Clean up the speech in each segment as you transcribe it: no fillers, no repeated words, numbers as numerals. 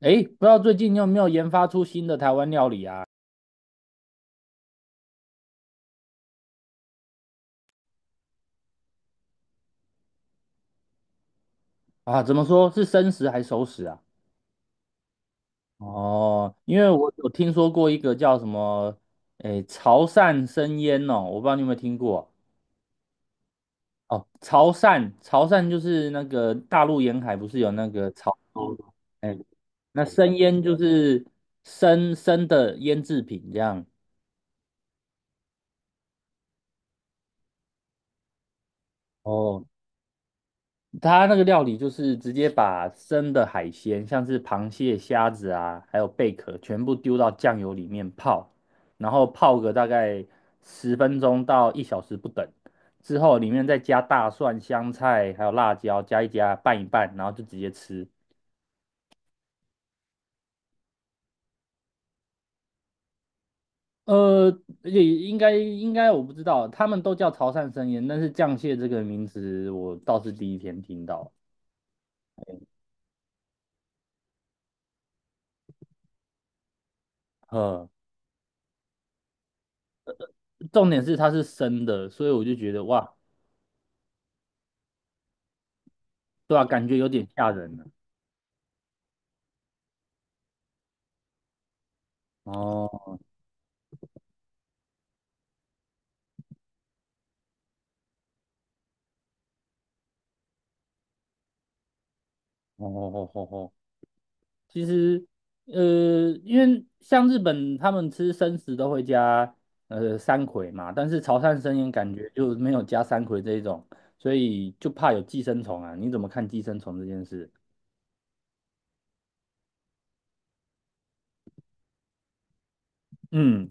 诶，不知道最近你有没有研发出新的台湾料理啊？啊，怎么说是生食还是熟食啊？哦，因为我有听说过一个叫什么，诶，潮汕生腌哦，我不知道你有没有听过哦。潮汕，潮汕就是那个大陆沿海不是有那个潮州？诶，那生腌就是生的腌制品这样。哦，它那个料理就是直接把生的海鲜，像是螃蟹、虾子啊，还有贝壳，全部丢到酱油里面泡，然后泡个大概10分钟到1小时不等。之后里面再加大蒜、香菜，还有辣椒，加一加，拌一拌，然后就直接吃。呃，也应该我不知道，他们都叫潮汕生腌，但是酱蟹这个名词我倒是第1天听到。呃，重点是它是生的，所以我就觉得哇，对啊，感觉有点吓人了。哦哦哦哦哦，哦其实因为像日本他们吃生食都会加山葵嘛，但是潮汕生腌感觉就没有加山葵这一种，所以就怕有寄生虫啊。你怎么看寄生虫这件事？嗯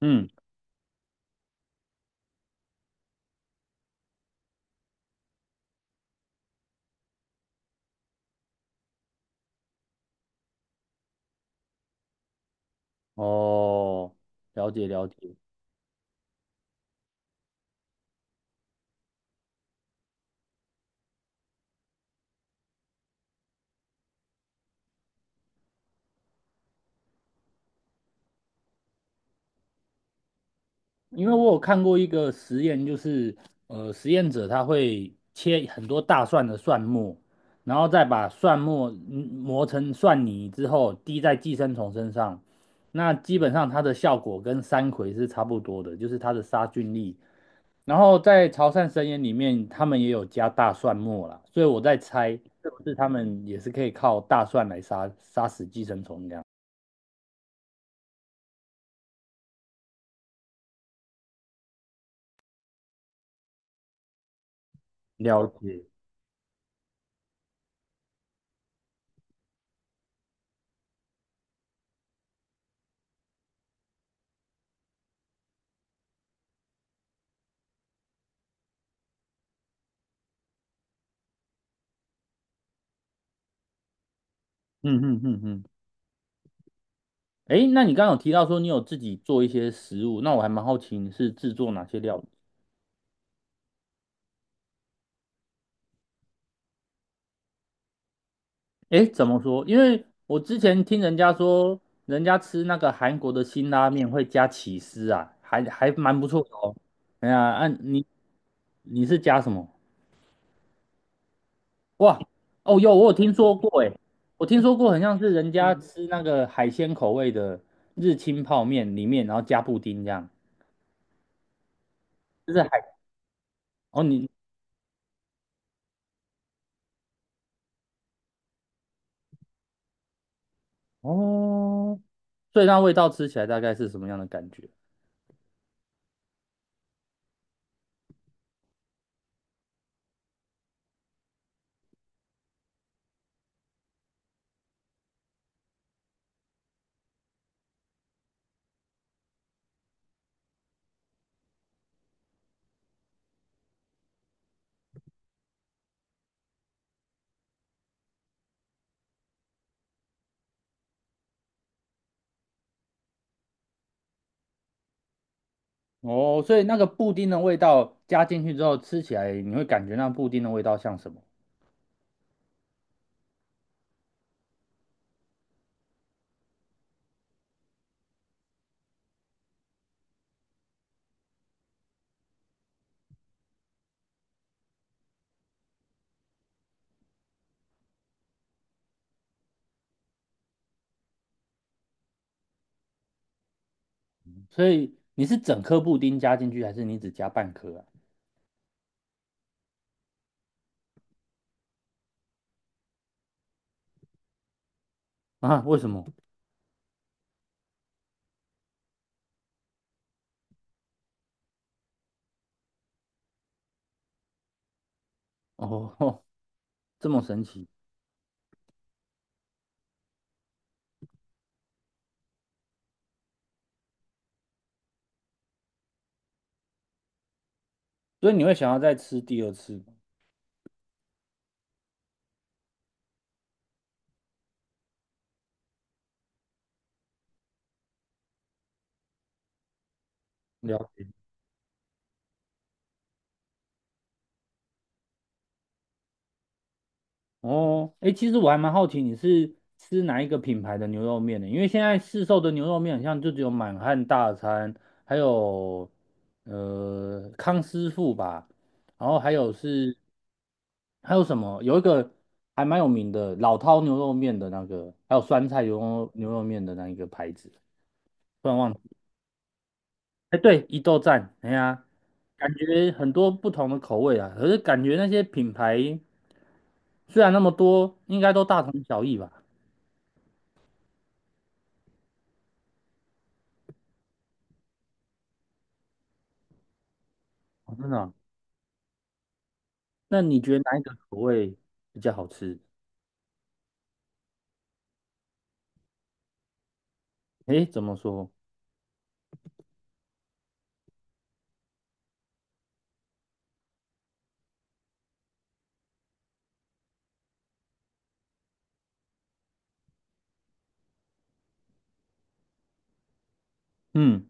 嗯，哦，了解了解。因为我有看过一个实验，就是实验者他会切很多大蒜的蒜末，然后再把蒜末磨成蒜泥之后滴在寄生虫身上，那基本上它的效果跟山葵是差不多的，就是它的杀菌力。然后在潮汕神盐里面，他们也有加大蒜末啦，所以我在猜是不是他们也是可以靠大蒜来杀死寄生虫这样。了解，嗯嗯嗯嗯。诶，那你刚刚有提到说你有自己做一些食物，那我还蛮好奇你是制作哪些料理？诶，怎么说？因为我之前听人家说，人家吃那个韩国的辛拉面会加起司啊，还蛮不错的哦。哎呀，啊，你是加什么？哇，哦，有我有听说过，诶，我听说过，很像是人家吃那个海鲜口味的日清泡面里面，然后加布丁这样，就是海，哦你哦，所以那味道吃起来大概是什么样的感觉？哦，所以那个布丁的味道加进去之后，吃起来你会感觉那布丁的味道像什么？所以你是整颗布丁加进去，还是你只加半颗啊？啊，为什么？哦，这么神奇，所以你会想要再吃第2次吗？了解。哦，哎，其实我还蛮好奇你是吃哪一个品牌的牛肉面的，因为现在市售的牛肉面好像就只有满汉大餐，还有康师傅吧，然后还有是还有什么，有一个还蛮有名的老饕牛肉面的那个，还有酸菜牛肉面的那一个牌子，突然忘记。哎，对，一豆站，哎呀，感觉很多不同的口味啊，可是感觉那些品牌虽然那么多，应该都大同小异吧。哦真的啊那你觉得哪一个口味比较好吃？诶，怎么说？嗯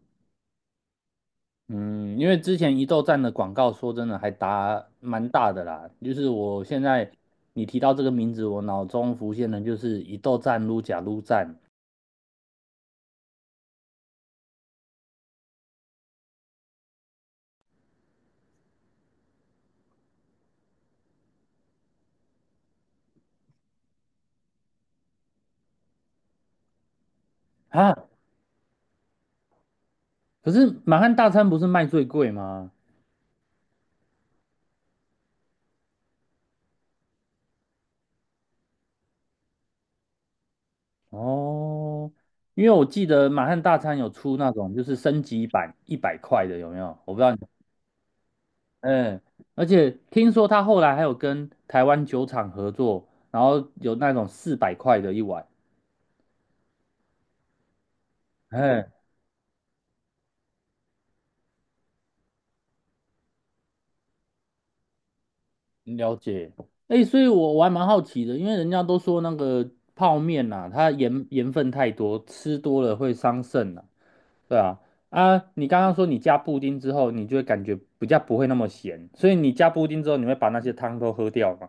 嗯，因为之前一豆站的广告，说真的还打蛮大的啦。就是我现在你提到这个名字，我脑中浮现的就是一豆站、撸假撸站啊。可是满汉大餐不是卖最贵吗？哦，因为我记得满汉大餐有出那种就是升级版100块的，有没有？我不知道。嗯，而且听说他后来还有跟台湾酒厂合作，然后有那种400块的一碗。嗯，了解。哎，所以我还蛮好奇的，因为人家都说那个泡面呐、它盐分太多，吃多了会伤肾呐、对啊，啊，你刚刚说你加布丁之后，你就会感觉比较不会那么咸，所以你加布丁之后，你会把那些汤都喝掉吗？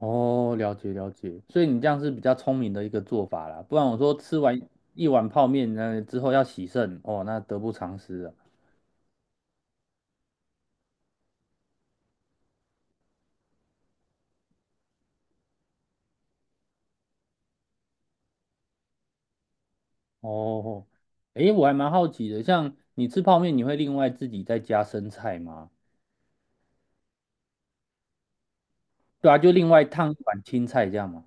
哦，了解了解，所以你这样是比较聪明的一个做法啦，不然我说吃完一碗泡面，那之后要洗肾，哦，那得不偿失啊。哦，诶，我还蛮好奇的，像你吃泡面，你会另外自己再加生菜吗？对啊，就另外烫一碗青菜这样吗？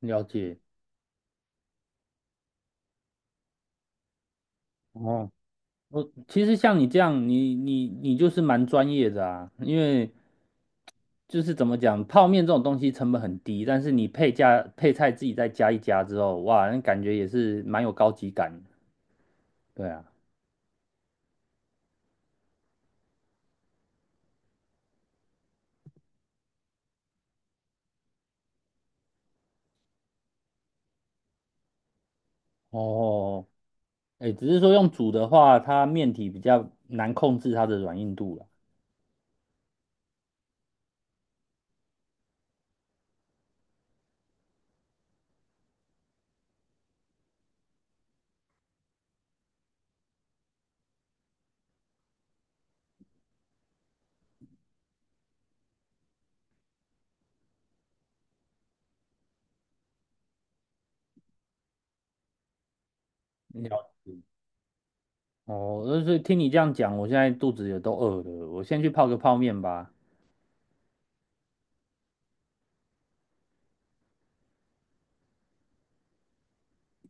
了解。哦。我其实像你这样，你就是蛮专业的啊，因为就是怎么讲，泡面这种东西成本很低，但是你配加配菜自己再加一加之后，哇，那感觉也是蛮有高级感的对啊，哦，哎，只是说用煮的话，它面体比较难控制它的软硬度了。了哦，就是听你这样讲，我现在肚子也都饿了，我先去泡个泡面吧。